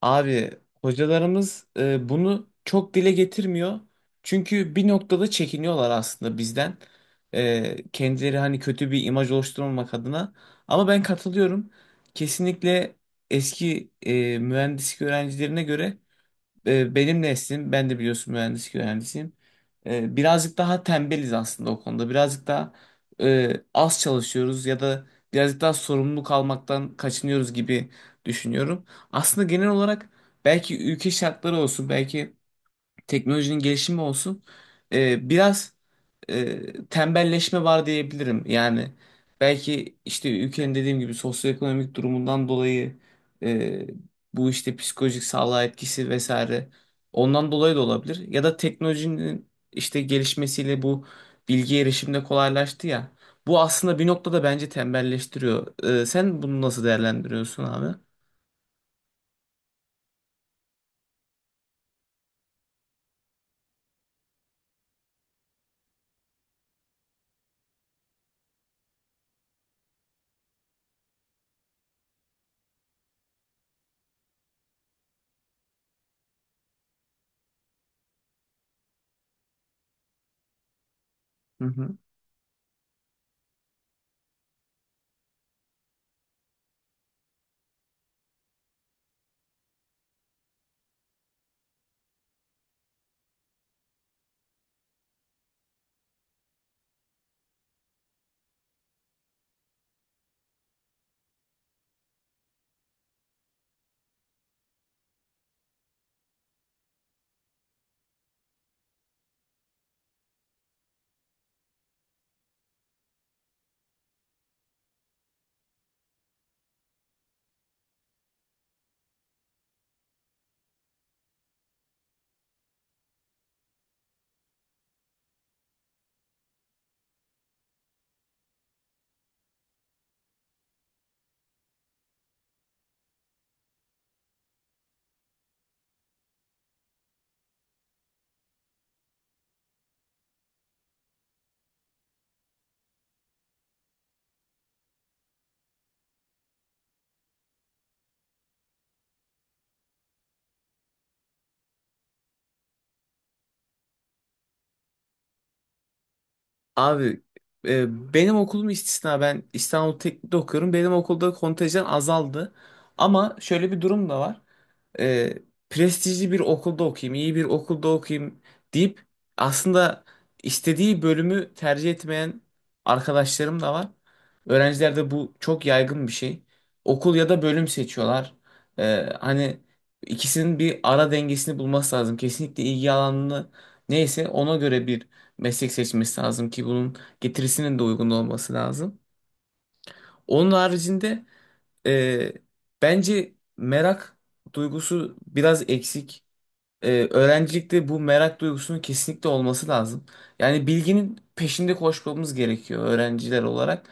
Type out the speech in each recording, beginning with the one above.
Abi hocalarımız bunu çok dile getirmiyor. Çünkü bir noktada çekiniyorlar aslında bizden. Kendileri hani kötü bir imaj oluşturmamak adına. Ama ben katılıyorum. Kesinlikle eski mühendislik öğrencilerine göre benim neslim, ben de biliyorsun mühendislik öğrencisiyim. Birazcık daha tembeliz aslında o konuda. Birazcık daha az çalışıyoruz ya da birazcık daha sorumluluk almaktan kaçınıyoruz gibi düşünüyorum. Aslında genel olarak belki ülke şartları olsun, belki teknolojinin gelişimi olsun biraz tembelleşme var diyebilirim. Yani belki işte ülkenin dediğim gibi sosyoekonomik durumundan dolayı e, bu işte psikolojik sağlığa etkisi vesaire ondan dolayı da olabilir. Ya da teknolojinin işte gelişmesiyle bu bilgi erişimde kolaylaştı ya. Bu aslında bir noktada bence tembelleştiriyor. Sen bunu nasıl değerlendiriyorsun abi? Hı hı. Abi benim okulum istisna, ben İstanbul Teknik'te okuyorum. Benim okulda kontenjan azaldı. Ama şöyle bir durum da var. E, Prestijli bir okulda okuyayım, iyi bir okulda okuyayım deyip aslında istediği bölümü tercih etmeyen arkadaşlarım da var. Öğrencilerde bu çok yaygın bir şey. Okul ya da bölüm seçiyorlar. Hani ikisinin bir ara dengesini bulması lazım. Kesinlikle ilgi alanını neyse ona göre bir meslek seçmesi lazım ki bunun getirisinin de uygun olması lazım. Onun haricinde e, bence merak duygusu biraz eksik. Öğrencilikte bu merak duygusunun kesinlikle olması lazım. Yani bilginin peşinde koşmamız gerekiyor öğrenciler olarak.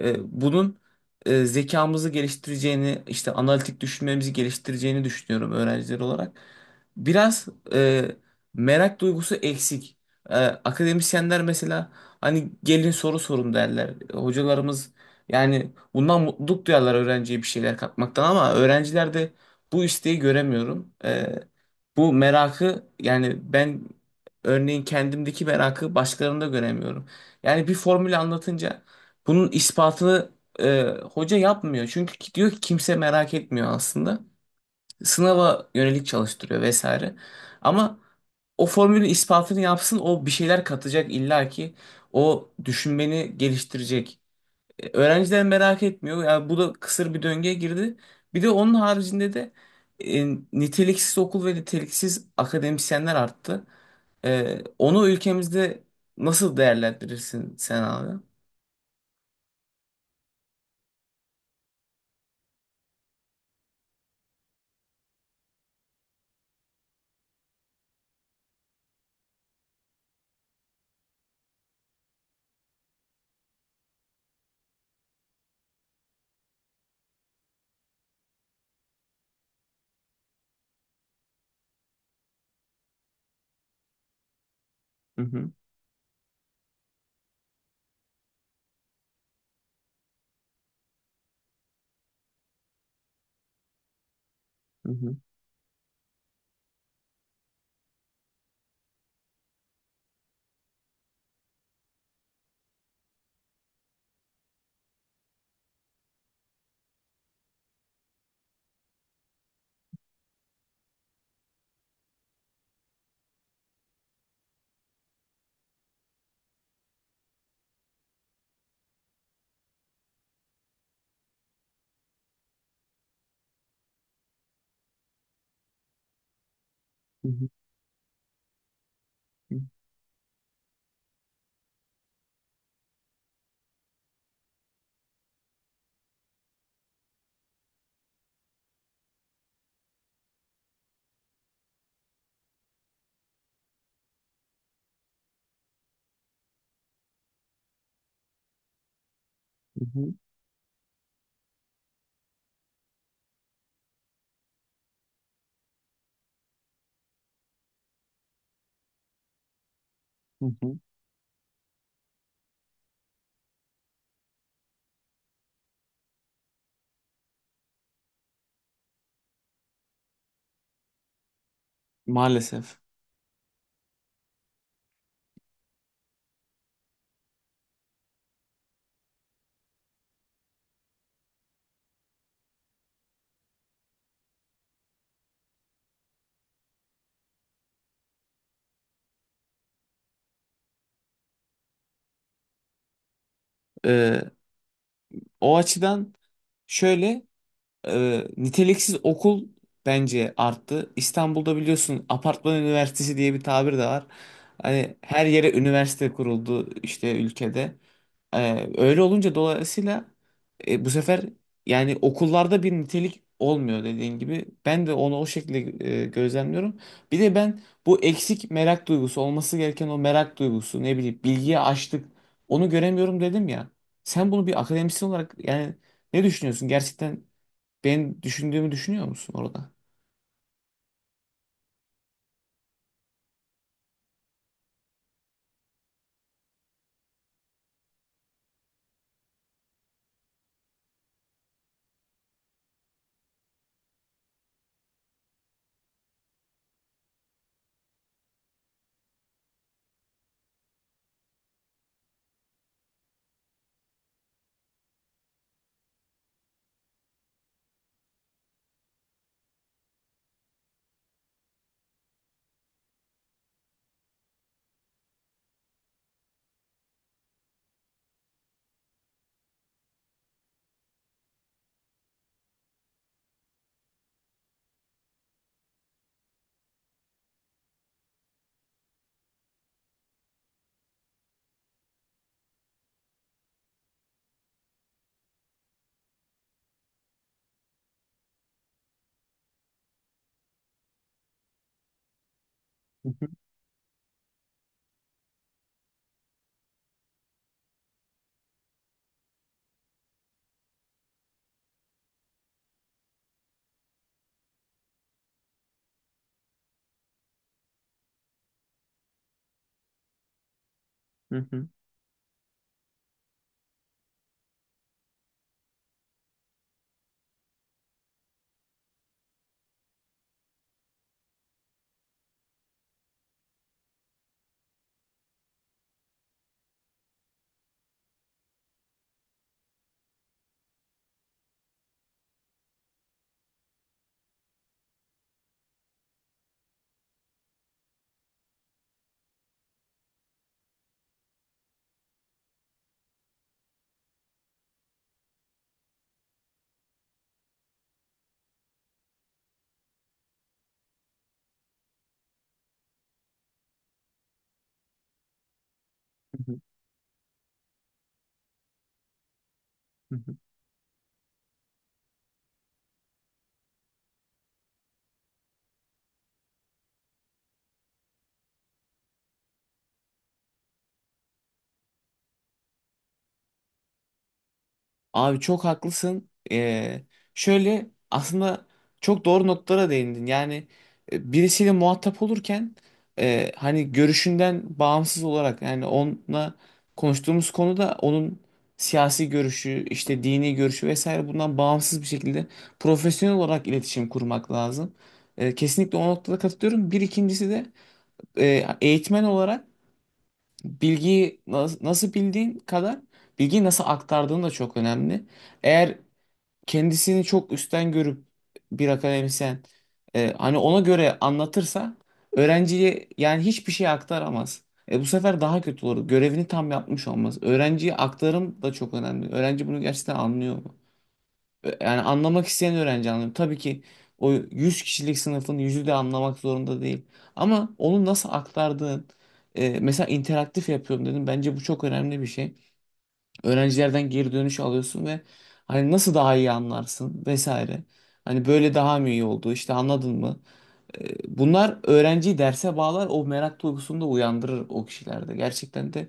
Ee, Bunun zekamızı geliştireceğini, işte analitik düşünmemizi geliştireceğini düşünüyorum öğrenciler olarak. Biraz e, merak duygusu eksik. Akademisyenler mesela hani gelin soru sorun derler. Hocalarımız yani bundan mutluluk duyarlar öğrenciye bir şeyler katmaktan, ama öğrencilerde bu isteği göremiyorum. Bu merakı yani ben örneğin kendimdeki merakı başkalarında göremiyorum. Yani bir formülü anlatınca bunun ispatını e, hoca yapmıyor. Çünkü diyor ki kimse merak etmiyor aslında. Sınava yönelik çalıştırıyor vesaire. Ama o formülün ispatını yapsın, o bir şeyler katacak illa ki, o düşünmeni geliştirecek. Öğrenciler merak etmiyor. Yani bu da kısır bir döngüye girdi. Bir de onun haricinde de e, niteliksiz okul ve niteliksiz akademisyenler arttı. Onu ülkemizde nasıl değerlendirirsin sen abi? Hı hı, hı hı, hı hı, hı hı, hı hı. Maalesef. Ee, O açıdan şöyle. Niteliksiz okul bence arttı. İstanbul'da biliyorsun apartman üniversitesi diye bir tabir de var. Hani her yere üniversite kuruldu işte ülkede. Öyle olunca dolayısıyla bu sefer yani okullarda bir nitelik olmuyor dediğin gibi. Ben de onu o şekilde gözlemliyorum. Bir de ben bu eksik merak duygusu, olması gereken o merak duygusu, ne bileyim bilgiye açlık, onu göremiyorum dedim ya. Sen bunu bir akademisyen olarak yani ne düşünüyorsun? Gerçekten ben düşündüğümü düşünüyor musun orada? Hı hı, hı hı, hı hı, hı hı. Abi çok haklısın. Şöyle, aslında çok doğru notlara değindin. Yani birisiyle muhatap olurken hani görüşünden bağımsız olarak, yani onunla konuştuğumuz konuda onun siyasi görüşü, işte dini görüşü vesaire, bundan bağımsız bir şekilde profesyonel olarak iletişim kurmak lazım. Kesinlikle o noktada katılıyorum. Bir ikincisi de eğitmen olarak bilgiyi nasıl bildiğin kadar bilgiyi nasıl aktardığın da çok önemli. Eğer kendisini çok üstten görüp bir akademisyen hani ona göre anlatırsa öğrenciye, yani hiçbir şey aktaramaz. Bu sefer daha kötü olur. Görevini tam yapmış olmaz. Öğrenciye aktarım da çok önemli. Öğrenci bunu gerçekten anlıyor mu? Yani anlamak isteyen öğrenci anlıyor. Tabii ki o 100 kişilik sınıfın yüzü de anlamak zorunda değil. Ama onu nasıl aktardığın, mesela interaktif yapıyorum dedim. Bence bu çok önemli bir şey. Öğrencilerden geri dönüş alıyorsun ve hani nasıl daha iyi anlarsın vesaire. Hani böyle daha mı iyi oldu, işte anladın mı? Bunlar öğrenciyi derse bağlar, o merak duygusunu da uyandırır o kişilerde. Gerçekten de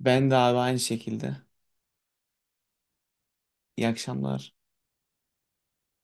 ben de abi aynı şekilde. İyi akşamlar.